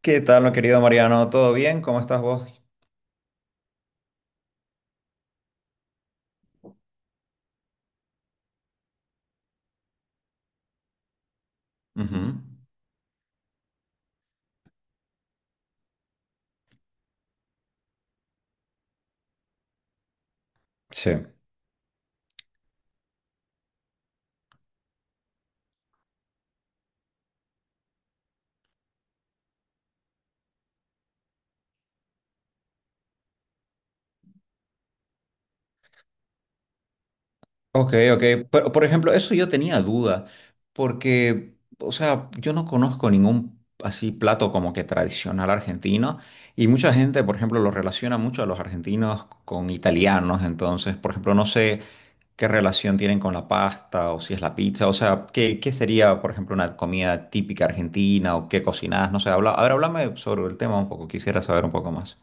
¿Qué tal, mi querido Mariano? ¿Todo bien? ¿Cómo estás vos? Ujú. Sí. Ok, ok. Pero, por ejemplo, eso yo tenía duda, porque, o sea, yo no conozco ningún así plato como que tradicional argentino, y mucha gente, por ejemplo, lo relaciona mucho a los argentinos con italianos, entonces, por ejemplo, no sé qué relación tienen con la pasta o si es la pizza, o sea, qué, qué sería, por ejemplo, una comida típica argentina o qué cocinás, no sé, habla, a ver, háblame sobre el tema un poco, quisiera saber un poco más.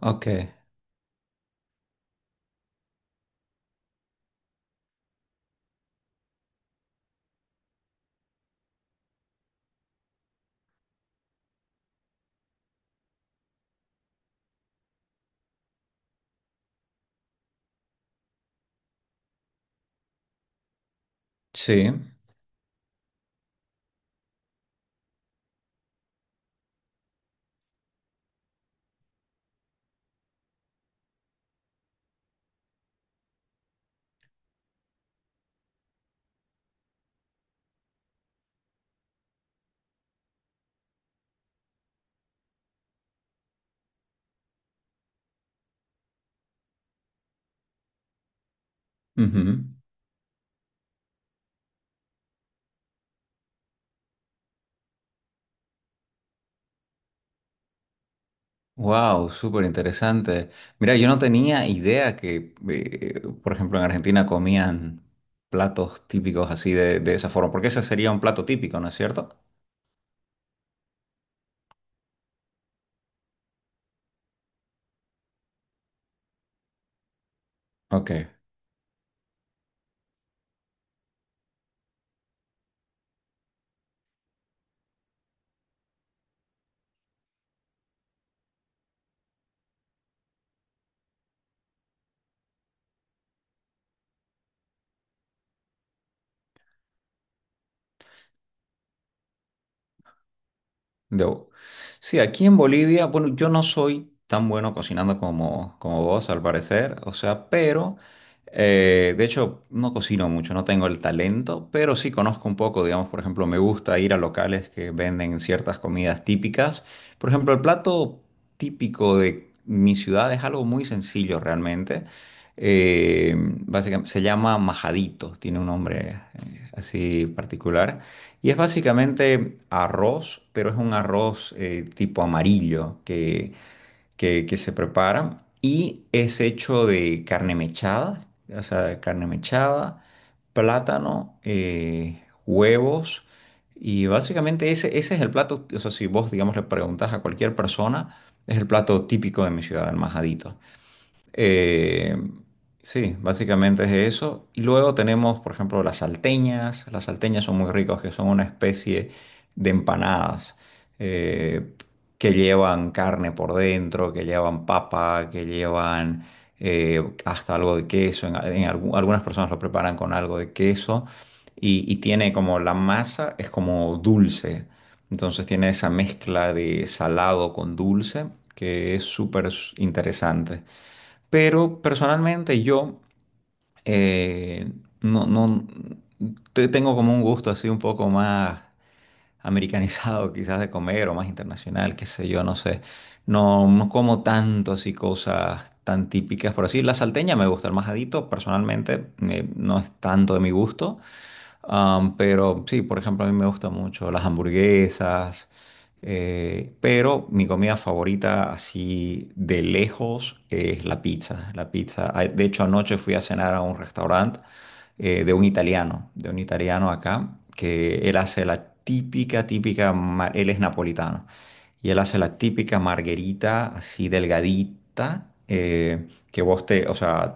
Ok, sí. Wow, súper interesante. Mira, yo no tenía idea que, por ejemplo, en Argentina comían platos típicos así de esa forma, porque ese sería un plato típico, ¿no es cierto? Ok. Debo. Sí, aquí en Bolivia, bueno, yo no soy tan bueno cocinando como, como vos, al parecer, o sea, pero, de hecho, no cocino mucho, no tengo el talento, pero sí conozco un poco, digamos, por ejemplo, me gusta ir a locales que venden ciertas comidas típicas. Por ejemplo, el plato típico de mi ciudad es algo muy sencillo realmente. Básicamente se llama majadito, tiene un nombre así particular. Y es básicamente arroz, pero es un arroz tipo amarillo que, que se prepara y es hecho de carne mechada, o sea, de carne mechada, plátano, huevos y básicamente ese, ese es el plato, o sea, si vos, digamos, le preguntas a cualquier persona, es el plato típico de mi ciudad, el majadito. Eh, sí, básicamente es eso. Y luego tenemos, por ejemplo, las salteñas. Las salteñas son muy ricas, que son una especie de empanadas eh, que llevan carne por dentro, que llevan papa, que llevan hasta algo de queso. En algunas personas lo preparan con algo de queso y tiene como la masa, es como dulce. Entonces tiene esa mezcla de salado con dulce que es súper interesante. Pero personalmente yo eh, no, tengo como un gusto así un poco más americanizado quizás de comer o más internacional, qué sé yo, no sé. No, no como tanto así cosas tan típicas por así. La salteña me gusta, el majadito personalmente no es tanto de mi gusto. Am, pero sí, por ejemplo, a mí me gustan mucho las hamburguesas, pero mi comida favorita así de lejos es la pizza. La pizza. Ah, de hecho, anoche fui a cenar a un restaurante de un italiano acá, que él hace la típica, típica, él es napolitano, y él hace la típica marguerita así delgadita, que vos te, o sea...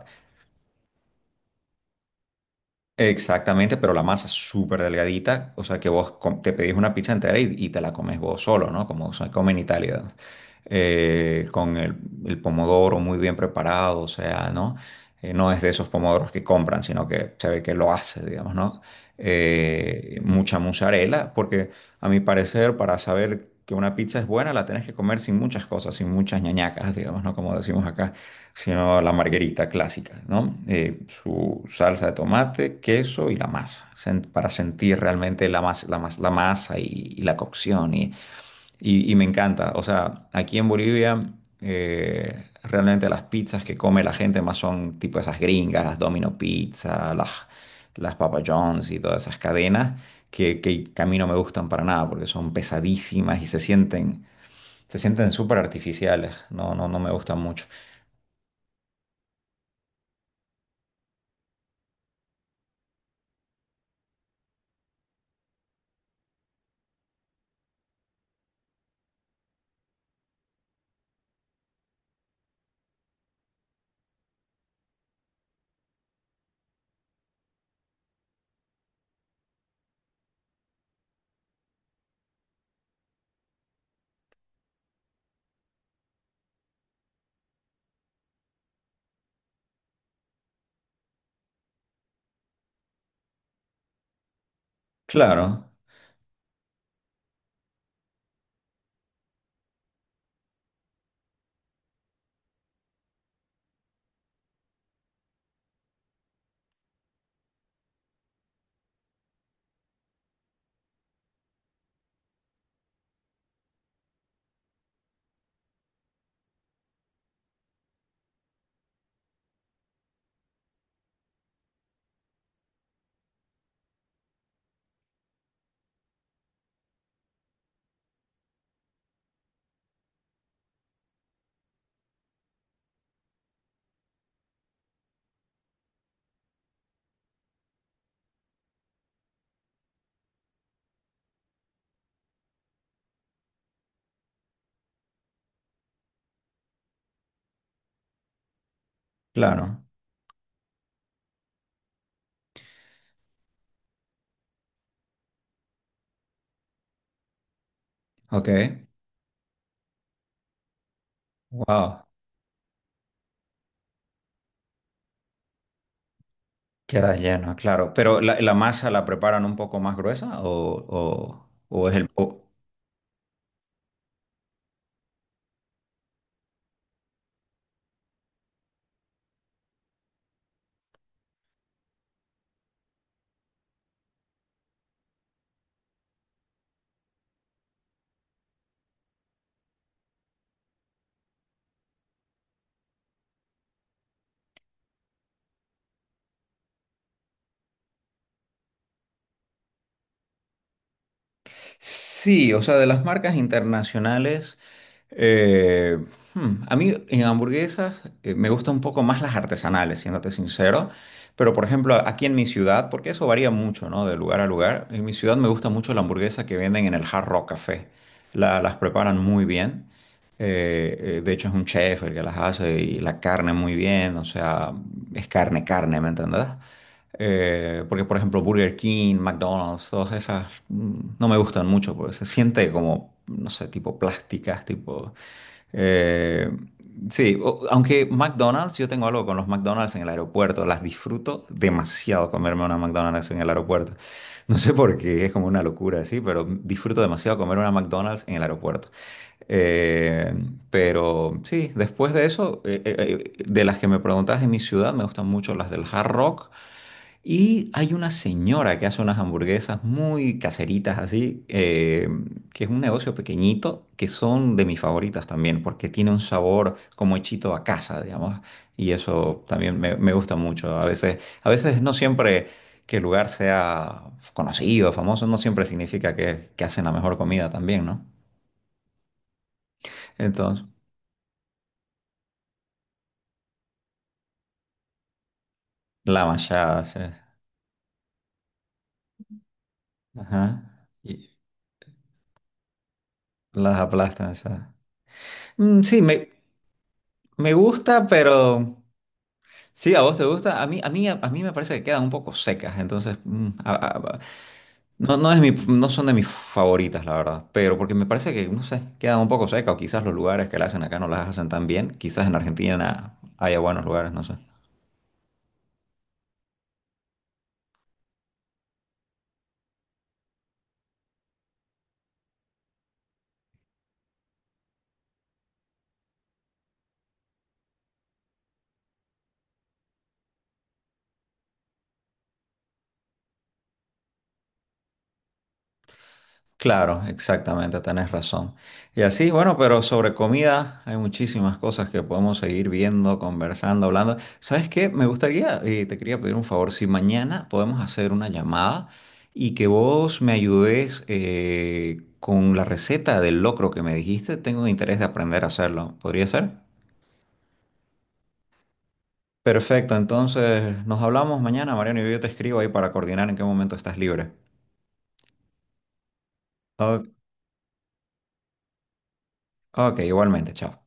Exactamente, pero la masa es súper delgadita, o sea que vos te pedís una pizza entera y te la comes vos solo, ¿no? Como se come en Italia, con el pomodoro muy bien preparado, o sea, ¿no? No es de esos pomodoros que compran, sino que se ve que lo hace, digamos, ¿no? Mucha mozzarella, porque a mi parecer, para saber que una pizza es buena, la tenés que comer sin muchas cosas, sin muchas ñañacas, digamos, ¿no? Como decimos acá sino la margarita clásica, ¿no? Su salsa de tomate, queso y la masa, para sentir realmente la, la masa y la cocción. Y, y me encanta, o sea, aquí en Bolivia, realmente las pizzas que come la gente más son tipo esas gringas, las Domino Pizza, las Papa John's y todas esas cadenas. Que a mí no me gustan para nada porque son pesadísimas y se sienten súper artificiales, no, no, no me gustan mucho. Claro, claro, ok, wow, queda lleno, claro. Pero la masa la preparan un poco más gruesa o es el... o- Sí, o sea, de las marcas internacionales, eh, a mí en hamburguesas me gustan un poco más las artesanales, siéndote sincero, pero por ejemplo aquí en mi ciudad, porque eso varía mucho, ¿no? De lugar a lugar, en mi ciudad me gusta mucho la hamburguesa que venden en el Hard Rock Café. Las preparan muy bien, de hecho es un chef el que las hace y la carne muy bien, o sea, es carne, carne, ¿me entendés? Porque, por ejemplo, Burger King, McDonald's, todas esas no me gustan mucho porque se siente como, no sé, tipo plásticas, tipo... eh, sí, o- aunque McDonald's, yo tengo algo con los McDonald's en el aeropuerto, las disfruto demasiado comerme una McDonald's en el aeropuerto. No sé por qué, es como una locura, sí, pero disfruto demasiado comer una McDonald's en el aeropuerto. Eh, pero sí, después de eso, de las que me preguntabas en mi ciudad, me gustan mucho las del Hard Rock. Y hay una señora que hace unas hamburguesas muy caseritas así, que es un negocio pequeñito, que son de mis favoritas también, porque tiene un sabor como hechito a casa, digamos. Y eso también me gusta mucho. A veces no siempre que el lugar sea conocido, famoso, no siempre significa que hacen la mejor comida también, ¿no? Entonces, la machada, sí. Ajá. Y las aplastan, o mm, sí, me gusta, pero... Sí, a vos te gusta. A mí, a mí, a, mí me parece que quedan un poco secas. Entonces, no, no es mi, no son de mis favoritas, la verdad. Pero porque me parece que, no sé, quedan un poco secas. O quizás los lugares que la hacen acá no las hacen tan bien. Quizás en Argentina haya buenos lugares, no sé. Claro, exactamente, tenés razón. Y así, bueno, pero sobre comida hay muchísimas cosas que podemos seguir viendo, conversando, hablando. ¿Sabes qué? Me gustaría, y te quería pedir un favor, si mañana podemos hacer una llamada y que vos me ayudes con la receta del locro que me dijiste, tengo interés de aprender a hacerlo. ¿Podría ser? Perfecto, entonces nos hablamos mañana, Mariano, y yo te escribo ahí para coordinar en qué momento estás libre. O- ok, igualmente, chao.